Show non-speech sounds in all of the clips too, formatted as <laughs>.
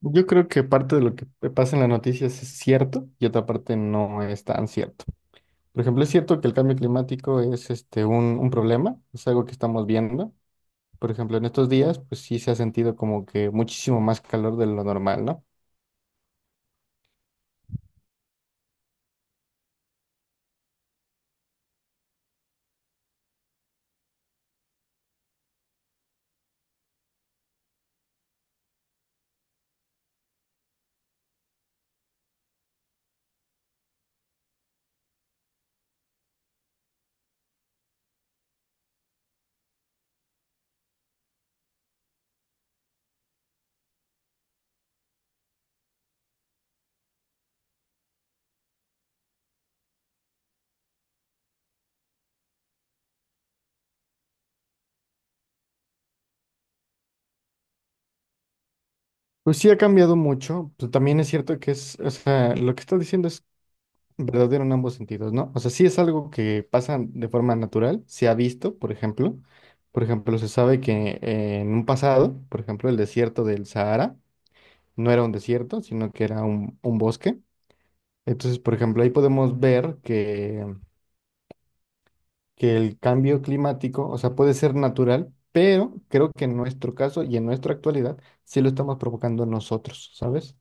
Yo creo que parte de lo que pasa en las noticias es cierto y otra parte no es tan cierto. Por ejemplo, es cierto que el cambio climático es un problema, es algo que estamos viendo. Por ejemplo, en estos días, pues sí se ha sentido como que muchísimo más calor de lo normal, ¿no? Pues sí ha cambiado mucho, pero también es cierto que es, o sea, lo que estás diciendo es verdadero en ambos sentidos, ¿no? O sea, sí es algo que pasa de forma natural, se ha visto, por ejemplo. Por ejemplo, se sabe que en un pasado, por ejemplo, el desierto del Sahara no era un desierto, sino que era un bosque. Entonces, por ejemplo, ahí podemos ver que el cambio climático, o sea, puede ser natural, pero creo que en nuestro caso y en nuestra actualidad sí lo estamos provocando nosotros, ¿sabes?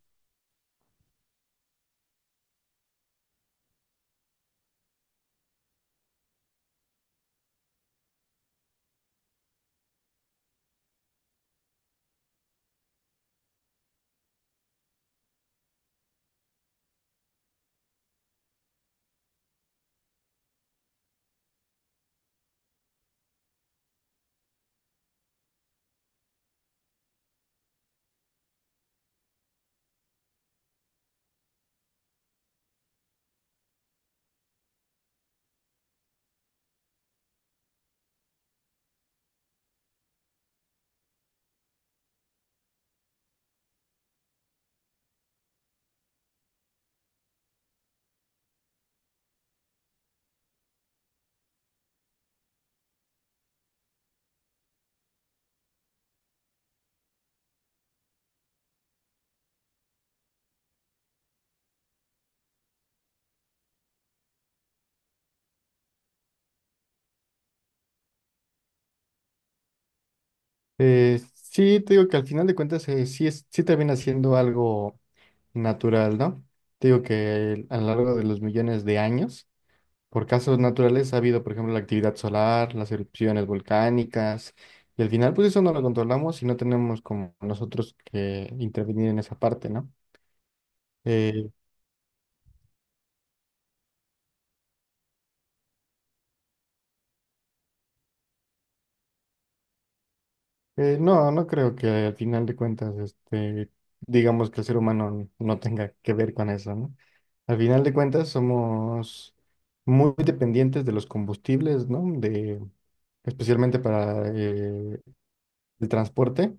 Sí, te digo que al final de cuentas sí, sí termina siendo algo natural, ¿no? Te digo que a lo largo de los millones de años, por casos naturales ha habido, por ejemplo, la actividad solar, las erupciones volcánicas, y al final, pues eso no lo controlamos y no tenemos como nosotros que intervenir en esa parte, ¿no? Eh, no, no creo que al final de cuentas, este, digamos que el ser humano no tenga que ver con eso, ¿no? Al final de cuentas, somos muy dependientes de los combustibles, ¿no? De, especialmente para el transporte.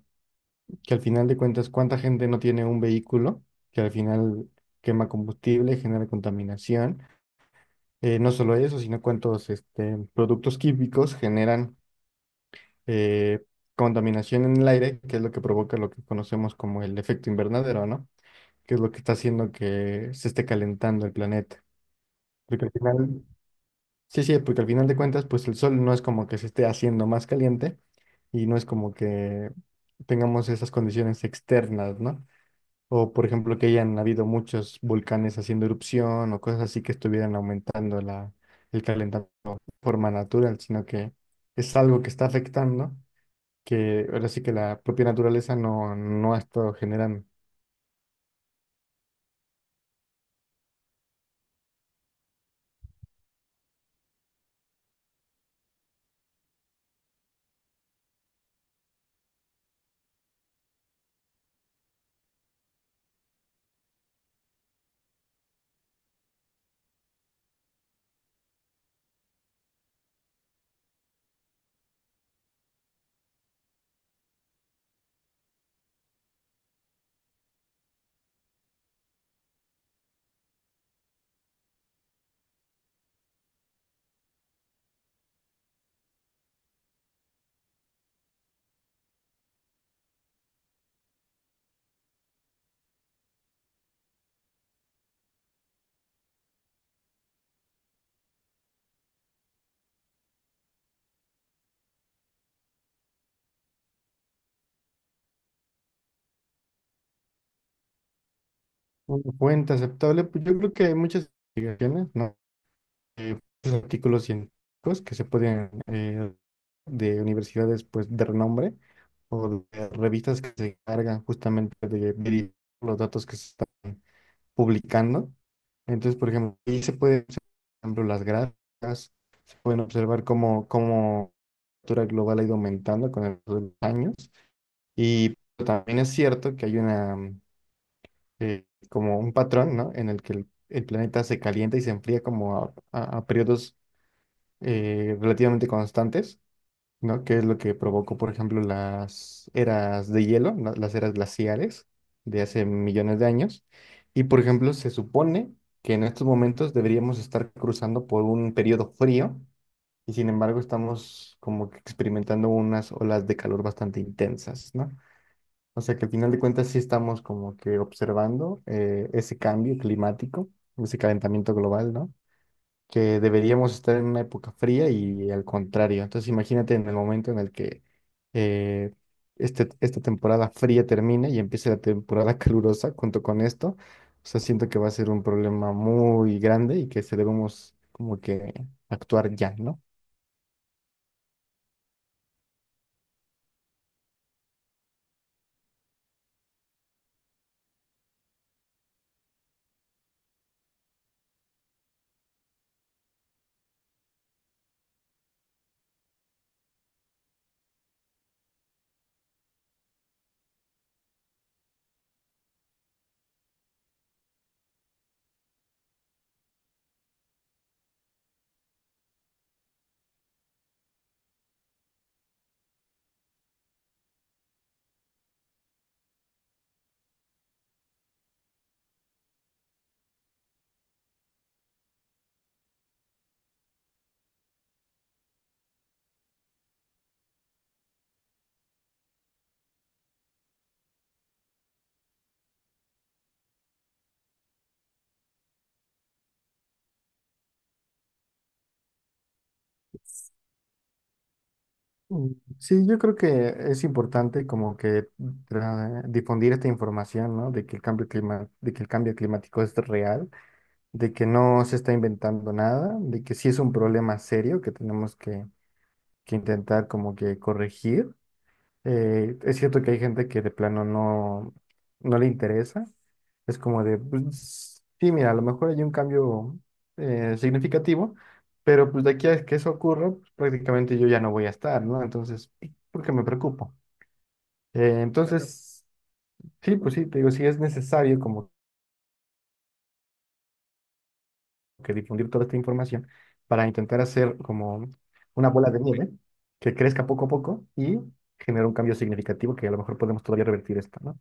Que al final de cuentas, ¿cuánta gente no tiene un vehículo que al final quema combustible, genera contaminación? No solo eso, sino cuántos este, productos químicos generan eh, contaminación en el aire, que es lo que provoca lo que conocemos como el efecto invernadero, ¿no? Que es lo que está haciendo que se esté calentando el planeta. Porque al final, sí, porque al final de cuentas, pues el sol no es como que se esté haciendo más caliente y no es como que tengamos esas condiciones externas, ¿no? O, por ejemplo, que hayan habido muchos volcanes haciendo erupción o cosas así que estuvieran aumentando el calentamiento de forma natural, sino que es algo que está afectando, que ahora sí que la propia naturaleza no ha estado generando. Una fuente aceptable, pues yo creo que hay muchas investigaciones, ¿no? Eh, muchos artículos científicos que se pueden de universidades pues de renombre o de revistas que se encargan justamente de verificar los datos que se están publicando. Entonces, por ejemplo, ahí se pueden observar, por ejemplo, las gráficas, se pueden observar cómo la temperatura global ha ido aumentando con el paso de los años. Y también es cierto que hay una, como un patrón, ¿no? En el que el planeta se calienta y se enfría como a, a periodos relativamente constantes. ¿No? Que es lo que provocó, por ejemplo, las eras de hielo, las eras glaciares de hace millones de años. Y, por ejemplo, se supone que en estos momentos deberíamos estar cruzando por un periodo frío y, sin embargo, estamos como que experimentando unas olas de calor bastante intensas, ¿no? O sea que al final de cuentas sí estamos como que observando ese cambio climático, ese calentamiento global, ¿no? Que deberíamos estar en una época fría y al contrario. Entonces imagínate en el momento en el que eh, esta temporada fría termina y empiece la temporada <laughs> calurosa junto con esto. O sea, siento que va a ser un problema muy grande y que se debemos como que actuar ya, ¿no? Mm. Sí, yo creo que es importante como que difundir esta información, ¿no? De que el cambio climático es real, de que no se está inventando nada, de que sí es un problema serio que tenemos que intentar como que corregir. Es cierto que hay gente que de plano no le interesa. Es como de, pues, sí, mira, a lo mejor hay un cambio significativo, pero pues de aquí a que eso ocurra, pues, prácticamente yo ya no voy a estar, ¿no? Entonces, ¿por qué me preocupo? Claro. Entonces, sí, pues sí, te digo, sí es necesario como que difundir toda esta información para intentar hacer como una bola de nieve que crezca poco a poco y generar un cambio significativo que a lo mejor podemos todavía revertir esto, ¿no?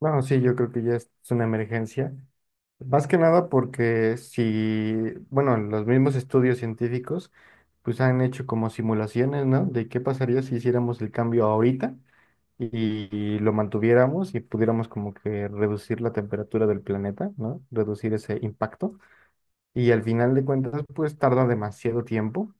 No, sí, yo creo que ya es una emergencia. Más que nada porque si, bueno, los mismos estudios científicos pues han hecho como simulaciones, ¿no? De qué pasaría si hiciéramos el cambio ahorita y lo mantuviéramos y pudiéramos como que reducir la temperatura del planeta, ¿no? Reducir ese impacto. Y al final de cuentas, pues tarda demasiado tiempo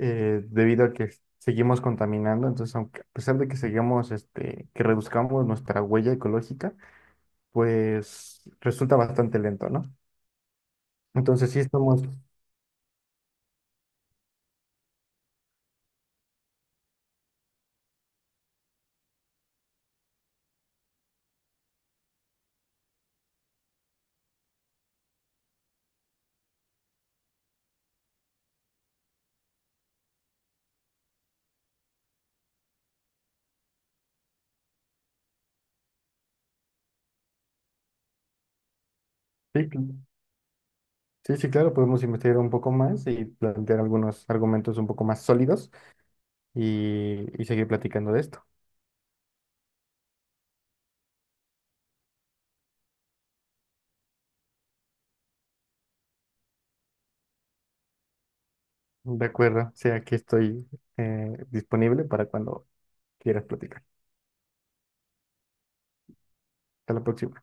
debido a que seguimos contaminando. Entonces, aunque, a pesar de que sigamos, este, que reduzcamos nuestra huella ecológica, pues resulta bastante lento, ¿no? Entonces, sí estamos, sí, cl- sí, sí, claro, podemos investigar un poco más y plantear algunos argumentos un poco más sólidos y seguir platicando de esto. De acuerdo, o sea, aquí estoy disponible para cuando quieras platicar. Hasta la próxima.